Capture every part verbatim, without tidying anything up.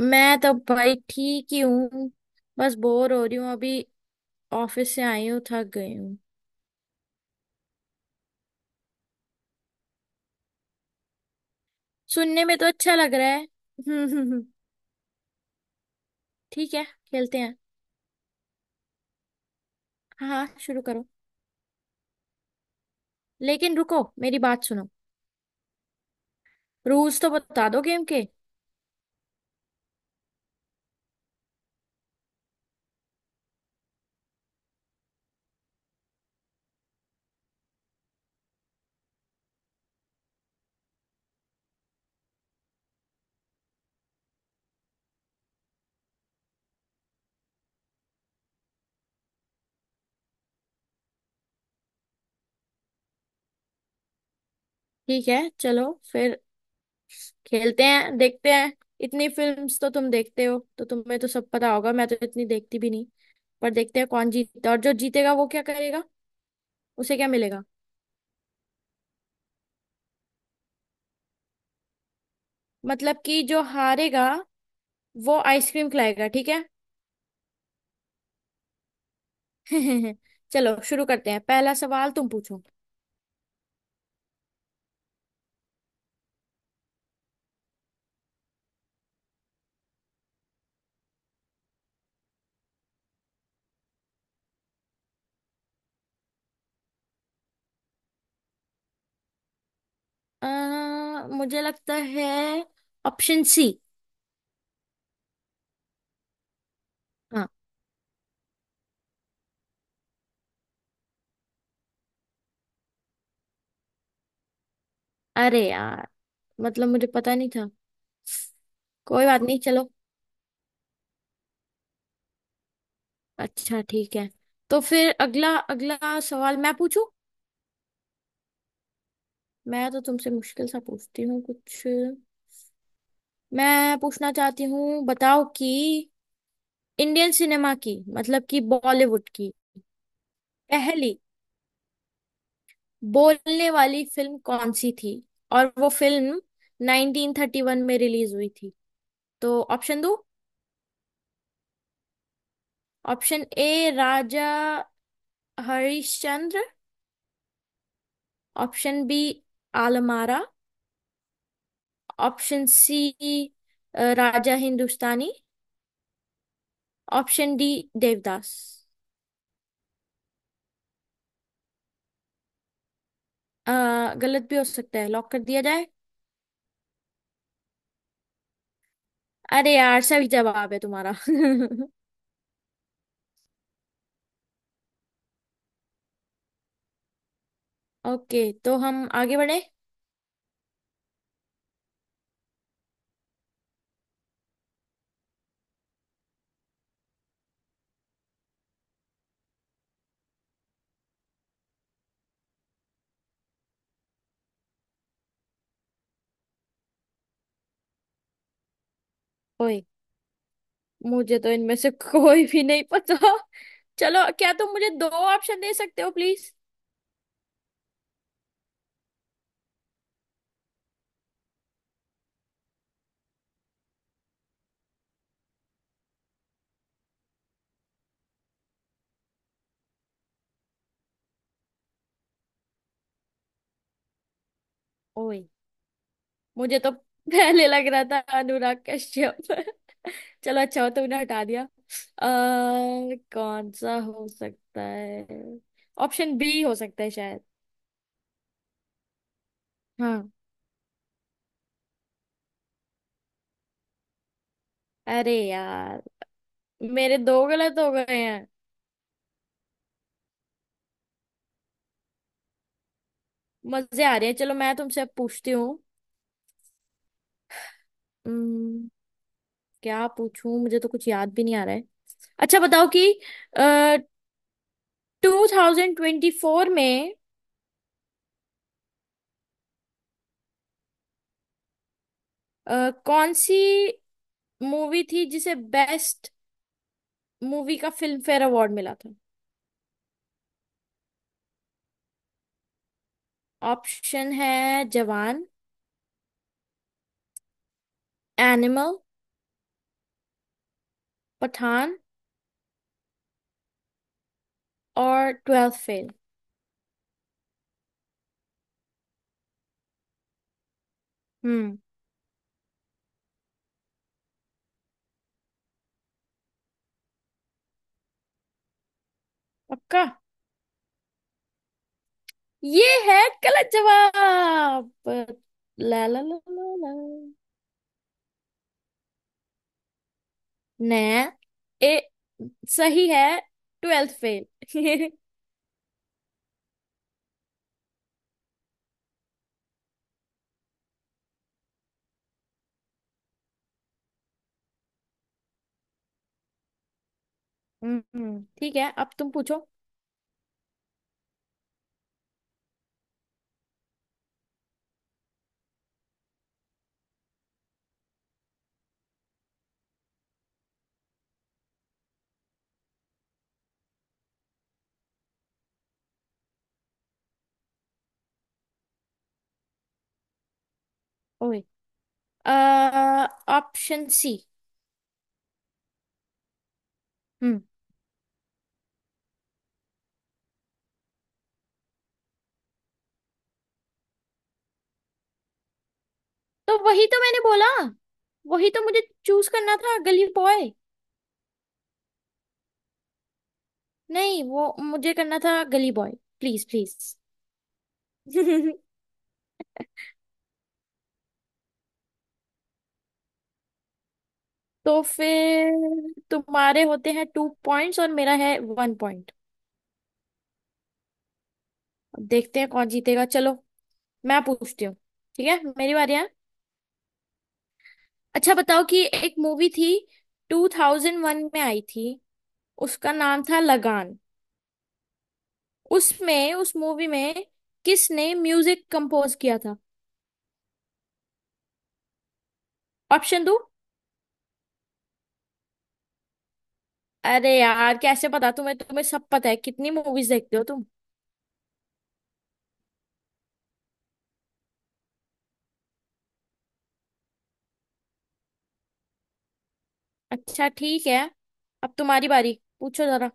मैं तो भाई ठीक ही हूँ। बस बोर हो रही हूँ अभी। ऑफिस से आई हूँ, थक गई हूँ। सुनने में तो अच्छा लग रहा है। ठीक है, खेलते हैं। हाँ हाँ, शुरू करो। लेकिन रुको, मेरी बात सुनो। रूल्स तो बता दो गेम के। ठीक है, चलो फिर खेलते हैं, देखते हैं। इतनी फिल्म्स तो तुम देखते हो, तो तुम्हें तो सब पता होगा, मैं तो इतनी देखती भी नहीं। पर देखते हैं कौन जीतता है, और जो जीतेगा वो क्या करेगा, उसे क्या मिलेगा। मतलब कि जो हारेगा वो आइसक्रीम खिलाएगा, ठीक है। चलो शुरू करते हैं, पहला सवाल तुम पूछो। अ, मुझे लगता है ऑप्शन सी। हाँ। अरे यार, मतलब मुझे पता नहीं था। कोई बात नहीं, चलो। अच्छा ठीक है। तो फिर अगला अगला सवाल मैं पूछूं। मैं तो तुमसे मुश्किल सा पूछती हूँ कुछ। मैं पूछना चाहती हूँ, बताओ कि इंडियन सिनेमा की, मतलब कि बॉलीवुड की पहली बोलने वाली फिल्म कौन सी थी, और वो फिल्म नाइनटीन थर्टी वन में रिलीज हुई थी तो। ऑप्शन दो। Option A, Raja Harishchandra. Option B, Alam Ara. Option C, Raja Hindustani. Option D, Devdas. अ, गलत भी हो सकता है, लॉक कर दिया जाए। अरे यार, सही जवाब है तुम्हारा। ओके, तो हम आगे बढ़े। ओए, मुझे तो इनमें से कोई भी नहीं पता। चलो, क्या तुम मुझे दो ऑप्शन दे सकते हो, प्लीज। ओए, मुझे तो पहले लग रहा था अनुराग कश्यप। चलो अच्छा हो, तुमने हटा दिया। आ, कौन सा हो सकता है? ऑप्शन बी हो सकता है शायद। हाँ। अरे यार, मेरे दो गलत हो गए हैं। मजे आ रहे हैं, चलो मैं तुमसे अब पूछती हूँ। हम्म, क्या पूछूं, मुझे तो कुछ याद भी नहीं आ रहा है। अच्छा बताओ कि टू थाउजेंड ट्वेंटी फोर में अ, कौन सी मूवी थी जिसे बेस्ट मूवी का फिल्म फेयर अवार्ड मिला था। ऑप्शन है जवान, एनिमल, पठान और ट्वेल्थ फेल। हम्म पक्का? ये है गलत जवाब। ला ला ला ला ला। ने, ए, सही है, ट्वेल्थ फेल। हम्म ठीक है, अब तुम पूछो। ओए, ऑप्शन सी। हम्म तो वही तो मैंने बोला। वही तो मुझे चूज करना था, गली बॉय। नहीं, वो मुझे करना था गली बॉय। Please please. तो फिर तुम्हारे होते हैं टू पॉइंट्स, और मेरा है वन पॉइंट। अब देखते हैं कौन जीतेगा, चलो मैं पूछती हूँ। ठीक है, मेरी बारी है। अच्छा बताओ कि एक मूवी थी, टू थाउजेंड वन में आई थी, उसका नाम था लगान। उसमें, उस मूवी में किसने म्यूजिक कंपोज किया था। ऑप्शन दो। अरे यार, कैसे पता तुम्हें? तुम्हें सब पता है, कितनी मूवीज देखते हो। अच्छा ठीक है। अब तुम्हारी बारी, पूछो जरा।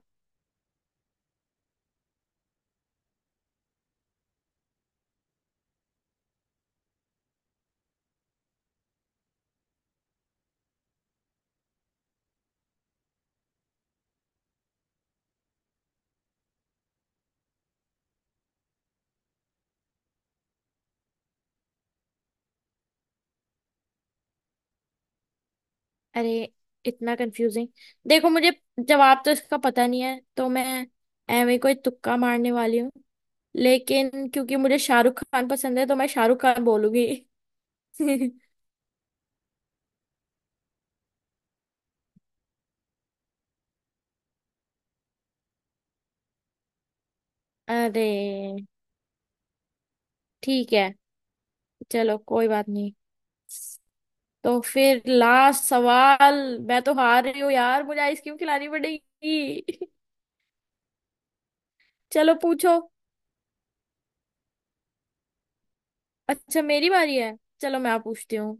अरे, इतना कंफ्यूजिंग। देखो, मुझे जवाब तो इसका पता नहीं है, तो मैं एवे कोई तुक्का मारने वाली हूँ। लेकिन क्योंकि मुझे शाहरुख खान पसंद है, तो मैं शाहरुख खान बोलूंगी। अरे ठीक है, चलो कोई बात नहीं। तो फिर लास्ट सवाल। मैं तो हार रही हूँ यार, मुझे आइसक्रीम खिलानी पड़ेगी। चलो पूछो। अच्छा, मेरी बारी है, चलो मैं पूछती हूँ।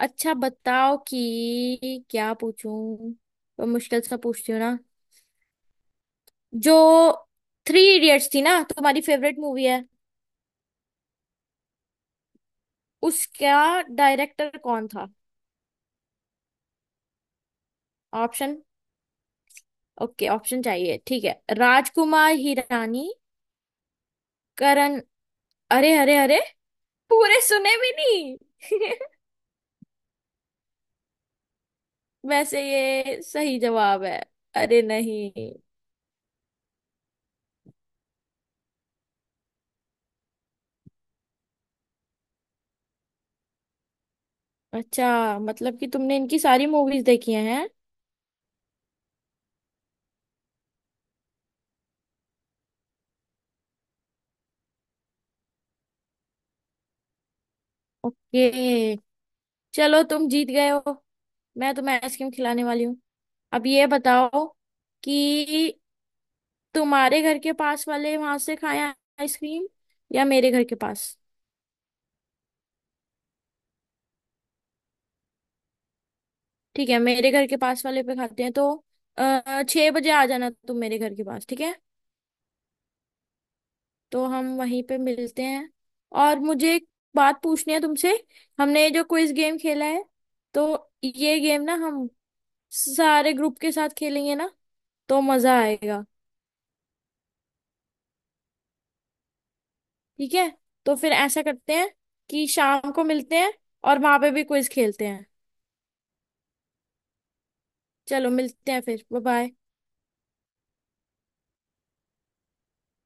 अच्छा बताओ कि क्या पूछूं। तो मुश्किल सा पूछती हूँ ना। जो थ्री इडियट्स थी ना, तुम्हारी फेवरेट मूवी है, उसका डायरेक्टर कौन था। ऑप्शन। ओके ऑप्शन चाहिए, ठीक है, राजकुमार हिरानी, करण। अरे अरे अरे, पूरे सुने भी नहीं। वैसे ये सही जवाब है। अरे नहीं। अच्छा, मतलब कि तुमने इनकी सारी मूवीज देखी हैं? ओके। चलो तुम जीत गए हो, मैं तुम्हें आइसक्रीम खिलाने वाली हूँ। अब ये बताओ कि तुम्हारे घर के पास वाले वहां से खाएं आइसक्रीम, या मेरे घर के पास। ठीक है, मेरे घर के पास वाले पे खाते हैं, तो अः छह बजे आ जाना तुम मेरे घर के पास, ठीक है। तो हम वहीं पे मिलते हैं। और मुझे एक बात पूछनी है तुमसे, हमने ये जो क्विज गेम खेला है तो ये गेम ना हम सारे ग्रुप के साथ खेलेंगे ना, तो मजा आएगा। ठीक है, तो फिर ऐसा करते हैं कि शाम को मिलते हैं, और वहां पे भी क्विज खेलते हैं। चलो मिलते हैं फिर, बाय बाय।